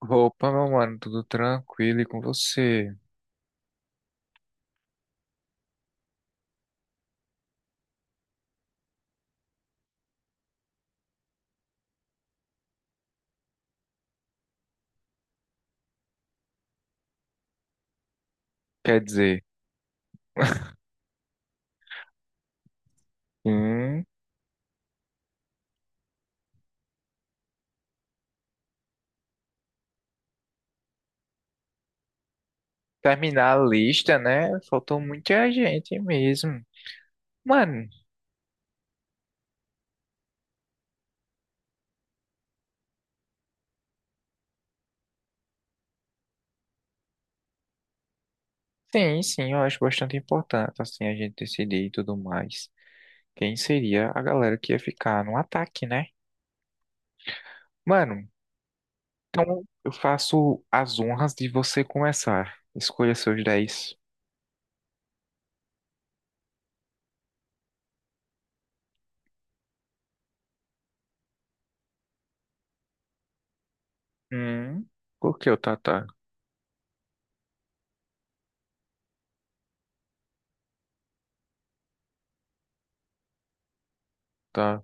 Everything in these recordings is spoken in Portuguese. Opa, meu mano, tudo tranquilo e com você? Quer dizer, hum, terminar a lista, né? Faltou muita gente mesmo. Mano, sim, sim, eu acho bastante importante, assim, a gente decidir e tudo mais. Quem seria a galera que ia ficar no ataque, né? Mano, eu faço as honras de você começar. Escolha seus 10. Hum, por que o Tata? Tá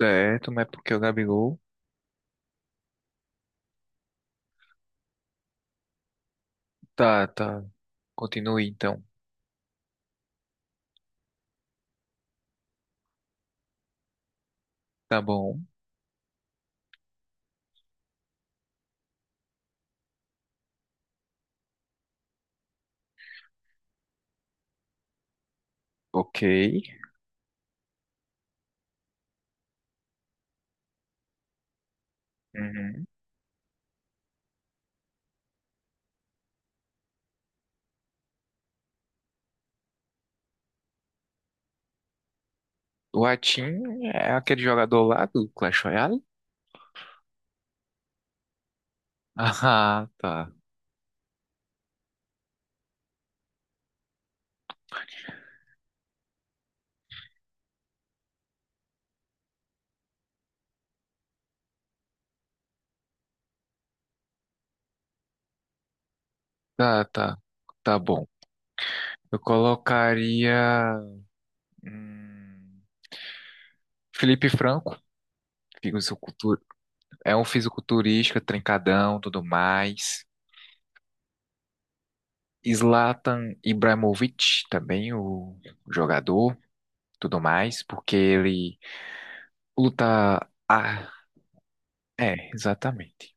certo, mas porque o Gabigol? Tá, tá. Continue então. Tá bom. Ok. Uhum. O Atin é aquele jogador lá do Clash Royale? Ah, tá. Tá, tá. Tá bom. Eu colocaria. hum, Felipe Franco, fisicultur- é um fisiculturista, trincadão, tudo mais. Zlatan Ibrahimovic, também o jogador, tudo mais, porque ele luta. Ah, é, exatamente.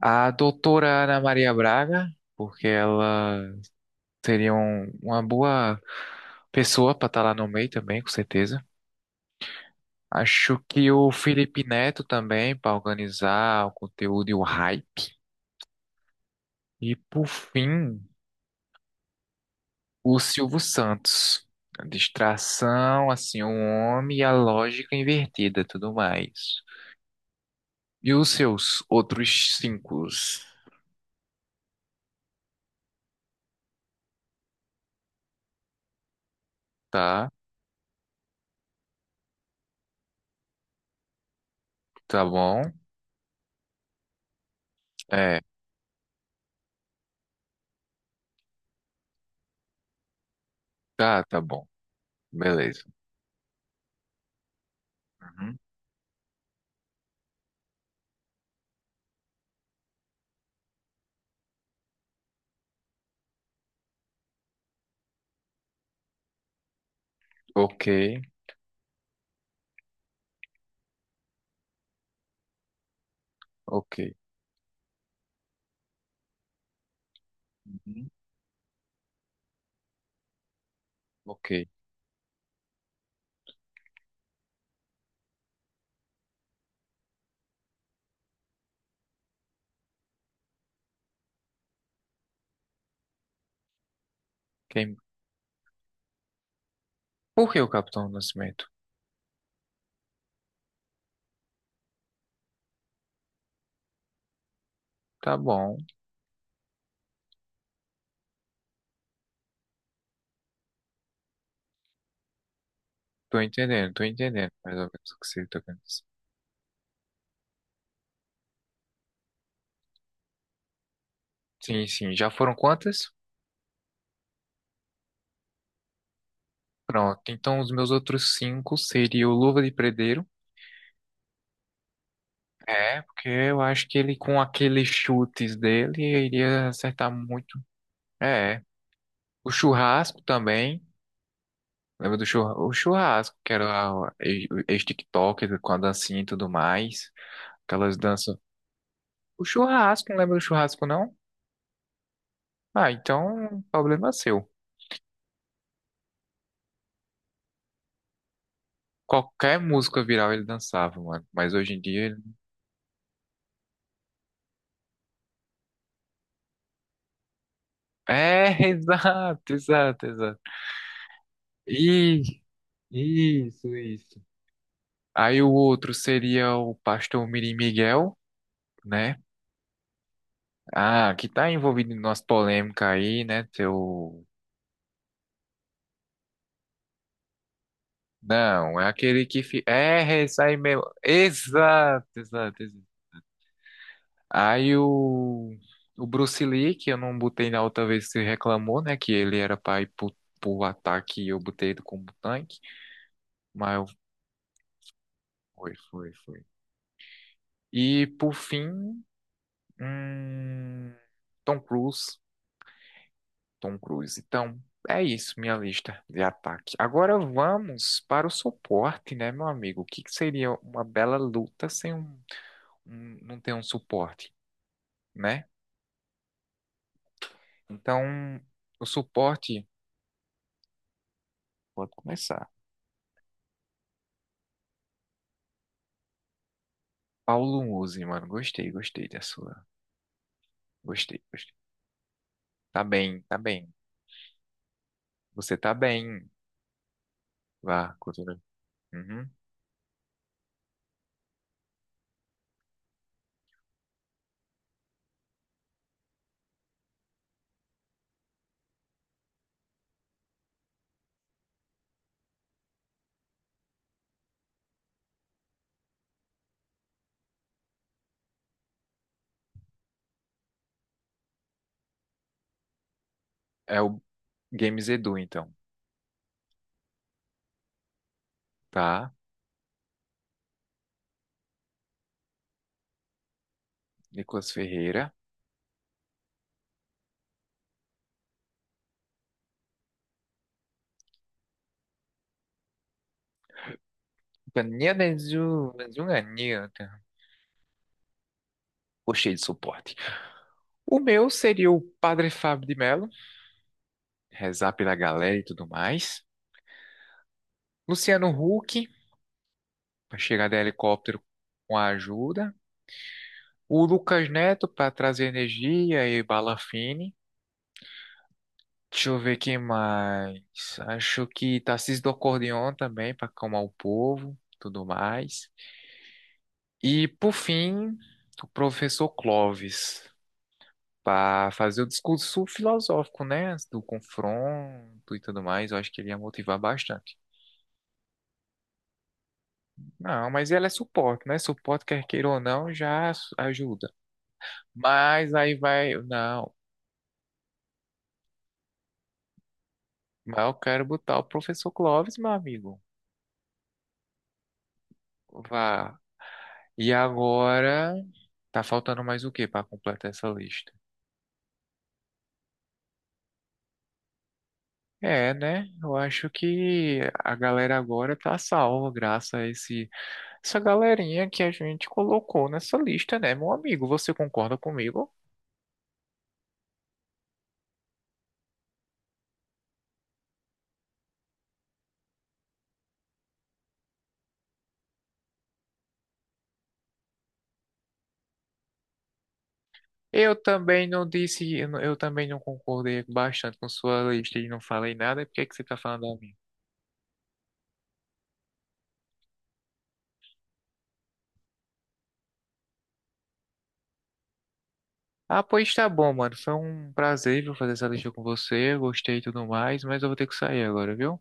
A doutora Ana Maria Braga, porque ela seria uma boa pessoa para estar lá no meio também, com certeza. Acho que o Felipe Neto também, para organizar o conteúdo e o hype. E por fim, o Silvio Santos. A distração, assim, o homem e a lógica invertida, tudo mais. E os seus outros cinco, tá? Tá bom? É, tá, tá bom. Beleza. Uhum. Ok, ok. Uhum. Ok. Quem... Por que o Capitão Nascimento? Tá bom. Tô entendendo mais ou menos o que você tá querendo dizer. Sim, sim. Já foram quantas? Pronto. Então, os meus outros cinco seriam o Luva de Predeiro. É, porque eu acho que ele, com aqueles chutes dele, iria acertar muito. É. O Churrasco também. Lembra do churra... o Churrasco, que era o com a dancinha e tudo mais. Aquelas danças. O Churrasco, não lembra do Churrasco, não? Ah, então, problema é seu. Qualquer música viral ele dançava, mano. Mas hoje em dia ele... É, exato, exato, exato. Ih, isso, isso. Aí o outro seria o pastor Mirim Miguel, né? Ah, que tá envolvido em umas polêmicas aí, né? Seu... Não, é aquele que... É, isso aí mesmo. Exato, exato, exato. Aí o... O Bruce Lee, que eu não botei na outra vez que você reclamou, né? Que ele era pai pro, pro ataque e eu botei ele como tanque. Mas foi, foi, foi. E por fim, hum, Tom Cruise. Tom Cruise. Então, é isso, minha lista de ataque. Agora vamos para o suporte, né, meu amigo? O que que seria uma bela luta sem um, não ter um suporte, né? Então, o suporte, pode começar. Paulo Musi, mano, gostei, gostei da sua. Gostei, gostei. Tá bem, tá bem. Você tá bem. Vá, continua. Uhum. É o Games Edu, então. Tá. Nicolas Ferreira. Gostei de suporte. O meu seria o Padre Fábio de Mello, rezar pela galera e tudo mais. Luciano Huck, para chegar de helicóptero com a ajuda. O Lucas Neto, para trazer energia e bala fine. Deixa eu ver quem mais. Acho que Tarcísio do Acordeon também, para acalmar o povo, tudo mais. E, por fim, o professor Clóvis, para fazer o discurso filosófico, né? Do confronto e tudo mais, eu acho que ele ia motivar bastante. Não, mas ela é suporte, né? Suporte, quer queira ou não, ajuda. Mas aí vai, não, mas eu quero botar o professor Clóvis, meu amigo. Vá. E agora, tá faltando mais o que para completar essa lista? É, né? Eu acho que a galera agora tá salva graças a esse, essa galerinha que a gente colocou nessa lista, né, meu amigo? Você concorda comigo? Eu também não disse, eu também não concordei bastante com sua lista e não falei nada. Por que que você tá falando a mim? Ah, pois tá bom, mano. Foi um prazer, viu, fazer essa lista com você. Gostei e tudo mais, mas eu vou ter que sair agora, viu?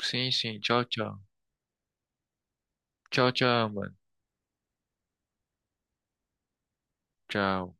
Sim, sim. Tchau, tchau. Tchau, tchau, mano. Tchau.